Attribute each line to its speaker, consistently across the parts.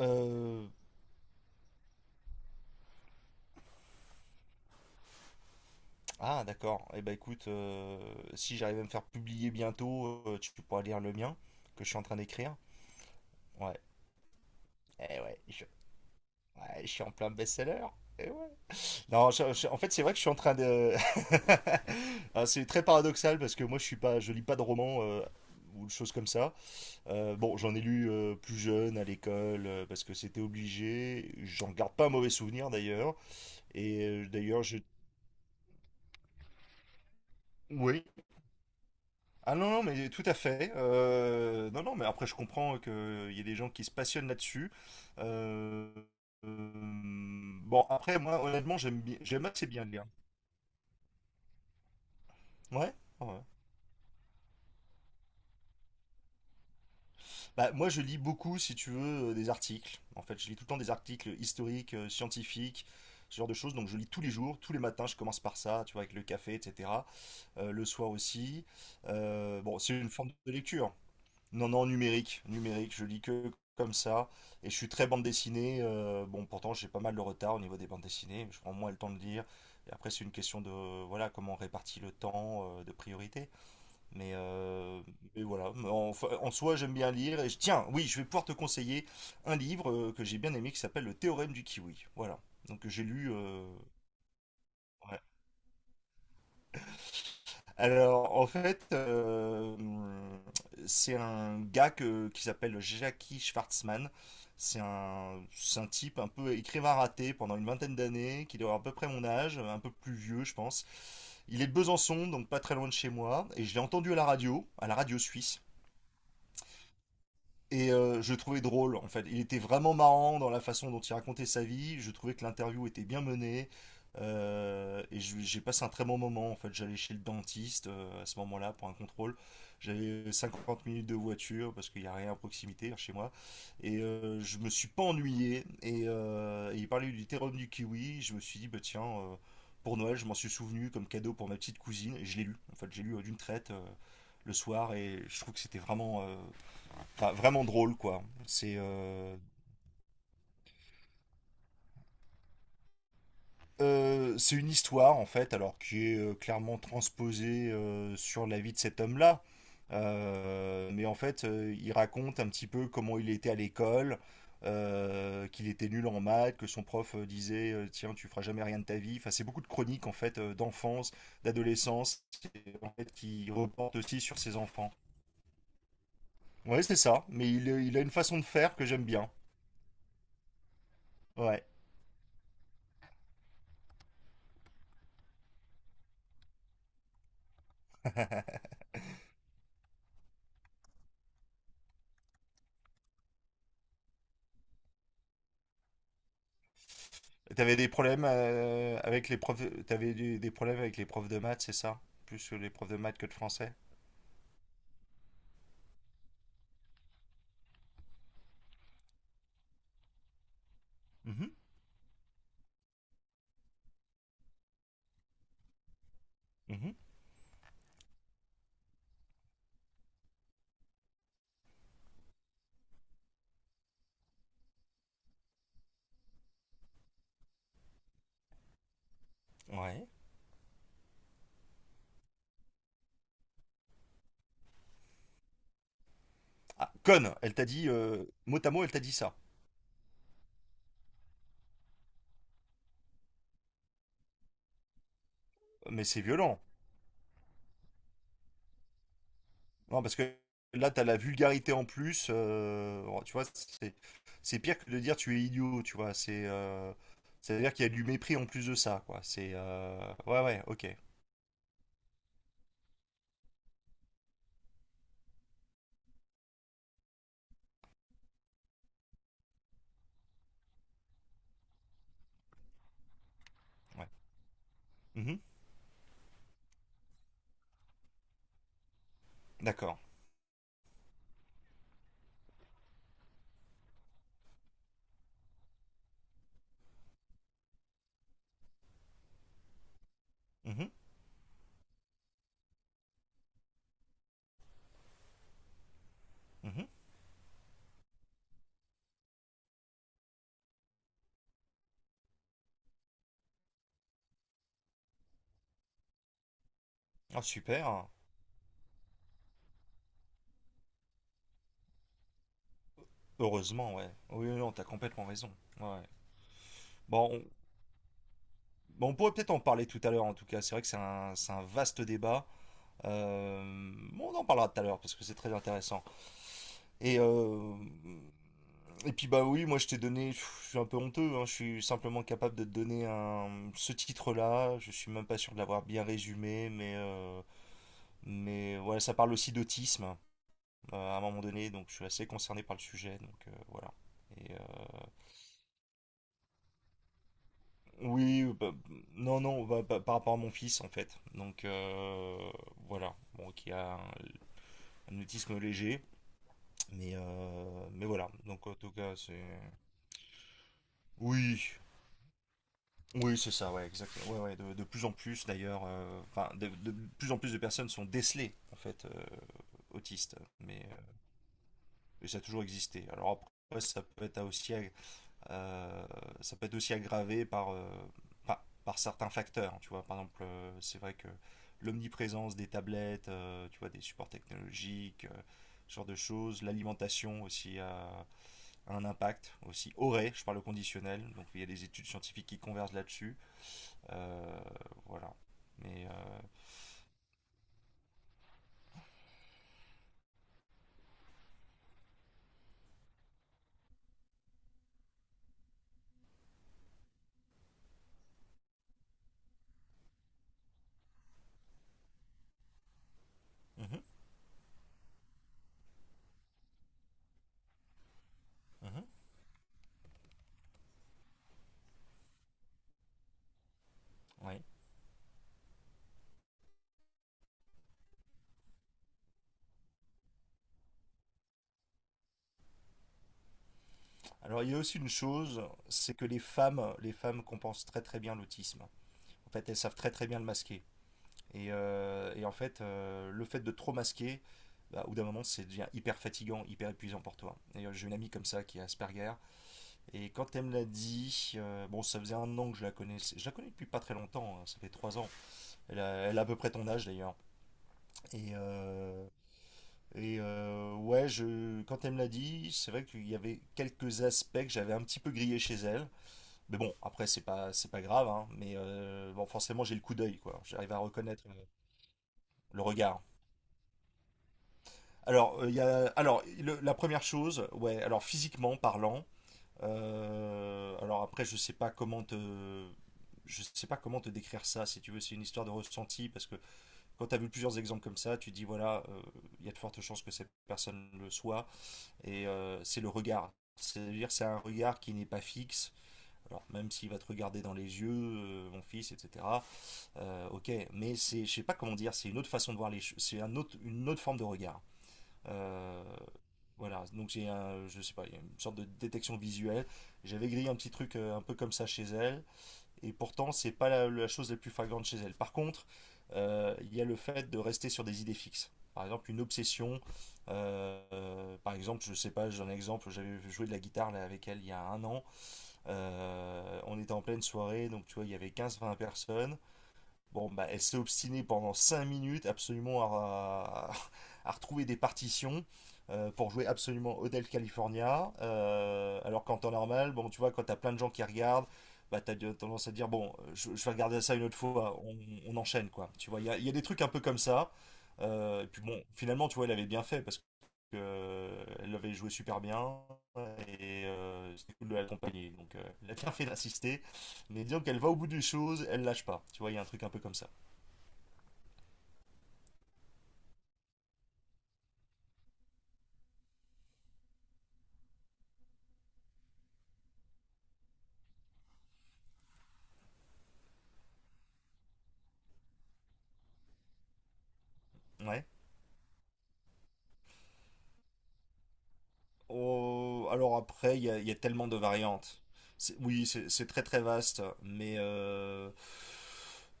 Speaker 1: Euh, Ah, d'accord. Eh ben, écoute, si j'arrive à me faire publier bientôt, tu pourras lire le mien que je suis en train d'écrire. Ouais. Eh ouais, ouais, je suis en plein best-seller. Eh ouais. Non, en fait, c'est vrai que je suis en train de. Ah, c'est très paradoxal parce que moi, je lis pas de romans ou de choses comme ça. Bon, j'en ai lu plus jeune à l'école parce que c'était obligé. J'en garde pas un mauvais souvenir d'ailleurs. D'ailleurs, je. Oui. Ah non, non, mais tout à fait. Non, non, mais après, je comprends qu'il y ait des gens qui se passionnent là-dessus. Euh, bon, après, moi, honnêtement, j'aime assez bien lire. Ouais, ouais. Bah, moi, je lis beaucoup, si tu veux, des articles. En fait, je lis tout le temps des articles historiques, scientifiques, ce genre de choses. Donc, je lis tous les jours, tous les matins. Je commence par ça, tu vois, avec le café, etc. Le soir aussi. Bon, c'est une forme de lecture. Non, non, numérique, numérique, je lis que comme ça. Et je suis très bande dessinée. Bon, pourtant, j'ai pas mal de retard au niveau des bandes dessinées. Mais je prends moins le temps de lire. Et après, c'est une question de, voilà, comment on répartit le temps, de priorité. Mais, voilà. Mais enfin, en soi, j'aime bien lire. Et tiens, oui, je vais pouvoir te conseiller un livre que j'ai bien aimé qui s'appelle Le théorème du kiwi. Voilà. Donc, j'ai lu. Ouais. Alors, en fait, c'est un gars qui s'appelle Jackie Schwartzman. C'est un type un peu écrivain raté pendant une vingtaine d'années, qui doit avoir à peu près mon âge, un peu plus vieux, je pense. Il est de Besançon, donc pas très loin de chez moi, et je l'ai entendu à la radio suisse. Et je le trouvais drôle, en fait. Il était vraiment marrant dans la façon dont il racontait sa vie. Je trouvais que l'interview était bien menée. Et j'ai passé un très bon moment, en fait. J'allais chez le dentiste à ce moment-là pour un contrôle. J'avais 50 minutes de voiture parce qu'il n'y a rien à proximité chez moi. Et je me suis pas ennuyé. Et il parlait du terroir du kiwi. Je me suis dit, bah tiens, pour Noël, je m'en suis souvenu comme cadeau pour ma petite cousine. Et je l'ai lu. En fait, j'ai lu d'une traite le soir. Et je trouve que c'était vraiment, enfin, vraiment drôle, quoi. C'est une histoire, en fait, alors qui est clairement transposée sur la vie de cet homme-là. Mais en fait, il raconte un petit peu comment il était à l'école, qu'il était nul en maths, que son prof disait tiens, tu feras jamais rien de ta vie. Enfin, c'est beaucoup de chroniques, en fait, d'enfance, d'adolescence, en fait, qui reportent aussi sur ses enfants. Ouais, c'est ça. Mais il a une façon de faire que j'aime bien. Ouais. T'avais des problèmes avec les profs, t'avais des problèmes avec les profs de maths, c'est ça? Plus les profs de maths que de français? Mhm, mhm. Ouais. Ah, conne, elle t'a dit, mot à mot, elle t'a dit ça. Mais c'est violent. Non, parce que là, t'as la vulgarité en plus. Oh, tu vois, c'est pire que de dire tu es idiot, tu vois. C'est-à-dire qu'il y a du mépris en plus de ça, quoi. C'est Ouais, ouais, ok. Ouais. Mhm. D'accord. Mhm. Mhm. Ah, super. Heureusement, ouais. Oui, oui, non, t'as complètement raison. Ouais, ouais. Bon, on, bon, on pourrait peut-être en parler tout à l'heure en tout cas. C'est vrai que c'est un vaste débat. Euh, bon, on en parlera tout à l'heure parce que c'est très intéressant. Et, euh, et puis bah oui, moi je t'ai donné, pff, je suis un peu honteux, hein, je suis simplement capable de te donner ce titre-là. Je suis même pas sûr de l'avoir bien résumé, mais mais ouais, ça parle aussi d'autisme à un moment donné, donc je suis assez concerné par le sujet, donc voilà. Et, euh, Oui, bah, non, non, bah, par rapport à mon fils en fait. Donc voilà, bon, qui a un autisme léger, mais mais voilà. Donc en tout cas, c'est oui, oui, c'est ça, ouais, exactement. Ouais, ouais, de plus en plus d'ailleurs, enfin, de plus en plus de personnes sont décelées en fait autistes, et ça a toujours existé. Alors après, ça peut être aussi. Euh, Ça peut être aussi aggravé par, par certains facteurs. Tu vois, par exemple, c'est vrai que l'omniprésence des tablettes, tu vois, des supports technologiques, ce genre de choses, l'alimentation aussi a un impact aussi aurait, je parle au conditionnel, donc il y a des études scientifiques qui convergent là-dessus. Euh, voilà. Mais euh, mhm, mhm, oui. Alors il y a aussi une chose, c'est que les femmes compensent très très bien l'autisme. En fait, elles savent très très bien le masquer. Et en fait, le fait de trop masquer, bah, au bout d'un moment, c'est devient hyper fatigant, hyper épuisant pour toi. Et j'ai une amie comme ça qui est Asperger. Et quand elle me l'a dit, bon, ça faisait un an que je la connaissais. Je la connais depuis pas très longtemps, hein, ça fait 3 ans. Elle a, elle a à peu près ton âge d'ailleurs. Et, euh, Quand elle me l'a dit, c'est vrai qu'il y avait quelques aspects que j'avais un petit peu grillé chez elle. Mais bon, après, c'est pas grave, hein, mais bon, forcément, j'ai le coup d'œil, quoi. J'arrive à reconnaître le regard. Il y a, alors la première chose, ouais, alors physiquement parlant, alors après, je sais pas comment te décrire ça, si tu veux, c'est une histoire de ressenti, parce que quand tu as vu plusieurs exemples comme ça, tu dis, voilà, il y a de fortes chances que cette personne le soit, et c'est le regard. C'est-à-dire, c'est un regard qui n'est pas fixe. Alors, même s'il va te regarder dans les yeux, mon fils, etc. Ok, mais c'est, je sais pas comment dire, c'est une autre façon de voir les choses, c'est une autre forme de regard. Euh, voilà, donc j'ai un, je sais pas, il y a une sorte de détection visuelle. J'avais grillé un petit truc un peu comme ça chez elle, et pourtant c'est pas la chose la plus flagrante chez elle. Par contre, il y a le fait de rester sur des idées fixes. Par exemple, une obsession. Par exemple, je sais pas, j'ai un exemple, j'avais joué de la guitare là, avec elle il y a un an. On était en pleine soirée, donc tu vois, il y avait quinze vingt personnes. Bon, bah, elle s'est obstinée pendant 5 minutes absolument à retrouver des partitions pour jouer absolument Hotel California. Alors qu'en temps normal, bon, tu vois, quand t'as plein de gens qui regardent, bah, t'as de- tendance à te dire, bon, je vais regarder ça une autre fois, on enchaîne, quoi. Tu vois, il y a des trucs un peu comme ça. Et puis bon, finalement, tu vois, elle avait bien fait parce que elle avait joué super bien et c'était cool de l'accompagner. Donc, elle a bien fait d'insister. Mais disons qu'elle va au bout des choses, elle lâche pas. Tu vois, il y a un truc un peu comme ça. Ouais. Oh, alors après, il y a tellement de variantes. Oui, c'est très très vaste, mais euh,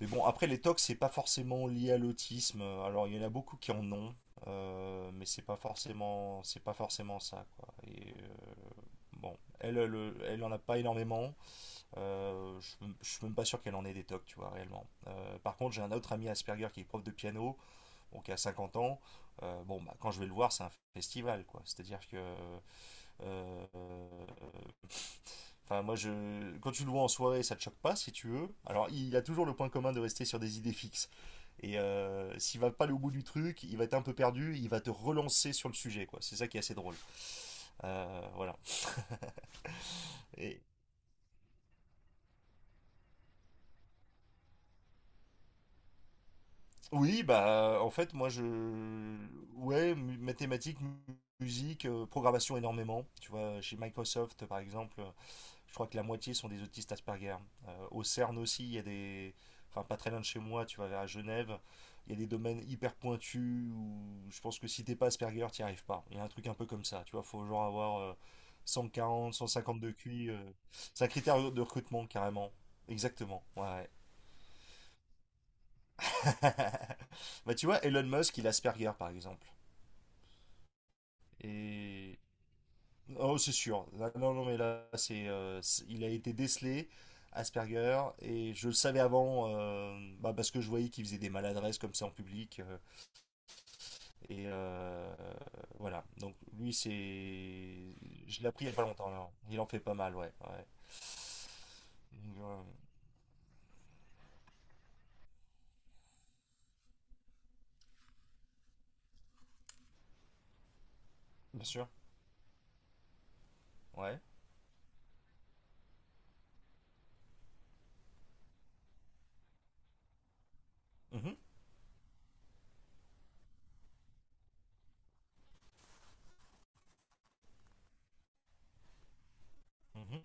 Speaker 1: mais bon, après les tocs, c'est pas forcément lié à l'autisme. Alors il y en a beaucoup qui en ont, mais c'est pas forcément ça quoi. Bon, elle elle en a pas énormément. Euh, je, je suis même pas sûr qu'elle en ait des tocs, tu vois réellement. Par contre, j'ai un autre ami Asperger qui est prof de piano, donc qui a 50 ans. Bon, bah, quand je vais le voir, c'est un festival, quoi. C'est-à-dire que Euh, enfin, moi, je... Quand tu le vois en soirée, ça te choque pas, si tu veux. Alors, il a toujours le point commun de rester sur des idées fixes. Et s'il va pas aller au bout du truc, il va être un peu perdu, il va te relancer sur le sujet, quoi. C'est ça qui est assez drôle. Voilà. Et... Oui, bah, en fait, moi, je... Ouais, mathématiques, musique, programmation énormément. Tu vois, chez Microsoft, par exemple, je crois que la moitié sont des autistes Asperger. Au CERN aussi, il y a des. Enfin, pas très loin de chez moi, tu vas vers Genève, il y a des domaines hyper pointus où je pense que si t'es pas Asperger, t'y arrives pas. Il y a un truc un peu comme ça, tu vois, faut genre avoir 140, 150 de QI. C'est un critère de recrutement, carrément. Exactement, ouais, ouais. Bah, tu vois, Elon Musk, il est Asperger, par exemple. Et oh, c'est sûr. Là, non, non, mais là, c'est, il a été décelé Asperger, et je le savais avant, bah, parce que je voyais qu'il faisait des maladresses comme ça en public. Et euh, voilà. Donc, lui, c'est. Je l'ai appris il n'y a pas longtemps, là. Il en fait pas mal, ouais, ouais. Donc, bien sûr. Ouais. Mhm, mhm.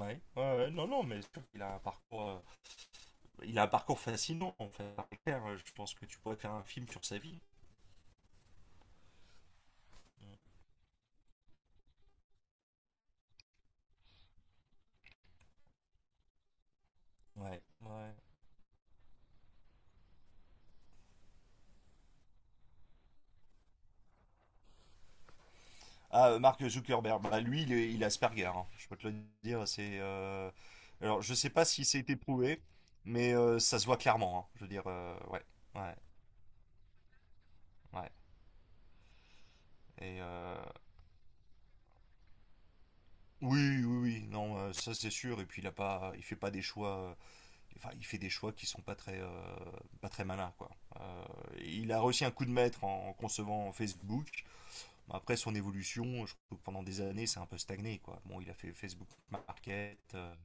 Speaker 1: Ouais. Ouais, ouais. Non, non, mais c'est sûr qu'il a un parcours, il a un parcours fascinant, en fait. C'est clair, je pense que tu pourrais faire un film sur sa vie. Ouais. Ouais. Ah, Mark Zuckerberg, bah, lui, il est Asperger, hein. Je peux te le dire, c'est... Alors, je sais pas si c'est été prouvé, mais ça se voit clairement, hein. Je veux dire, ouais, ouais, ouais. Et oui, oui, oui, non, ça c'est sûr. Et puis il a pas, il fait pas des choix. Enfin, il fait des choix qui sont pas très, pas très malins, quoi. Euh, il a réussi un coup de maître en concevant Facebook. Bon, après son évolution, je trouve que pendant des années, c'est un peu stagné, quoi. Bon, il a fait Facebook Market.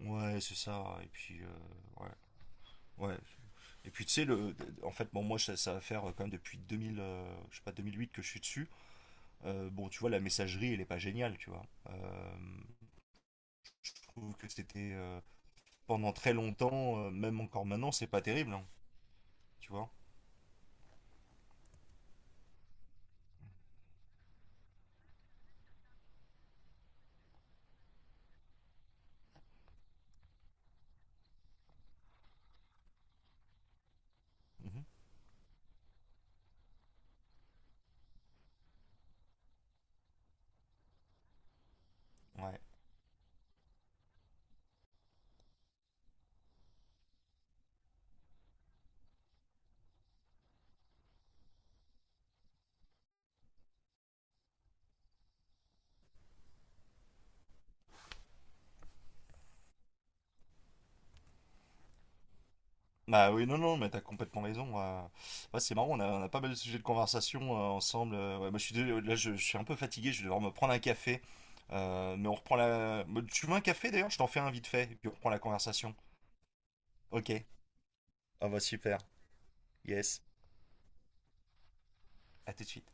Speaker 1: Ouais, c'est ça. Et puis, ouais. Ouais. Et puis tu sais, le, en fait, bon, moi, ça va faire quand même depuis 2000, je sais pas, 2008 que je suis dessus. Bon, tu vois, la messagerie, elle est pas géniale, tu vois. Je trouve que c'était pendant très longtemps, même encore maintenant, c'est pas terrible, hein, tu vois. Mhm. Ouais. Bah oui, non, non, mais t'as complètement raison. Ouais, c'est marrant, on a pas mal de sujets de conversation ensemble. Ouais, moi, je suis, là, je suis un peu fatigué, je vais devoir me prendre un café. Mais on reprend la... Bah, tu veux un café d'ailleurs? Je t'en fais un vite fait, et puis on reprend la conversation. Ok. Ah bah super. Yes. À tout de suite.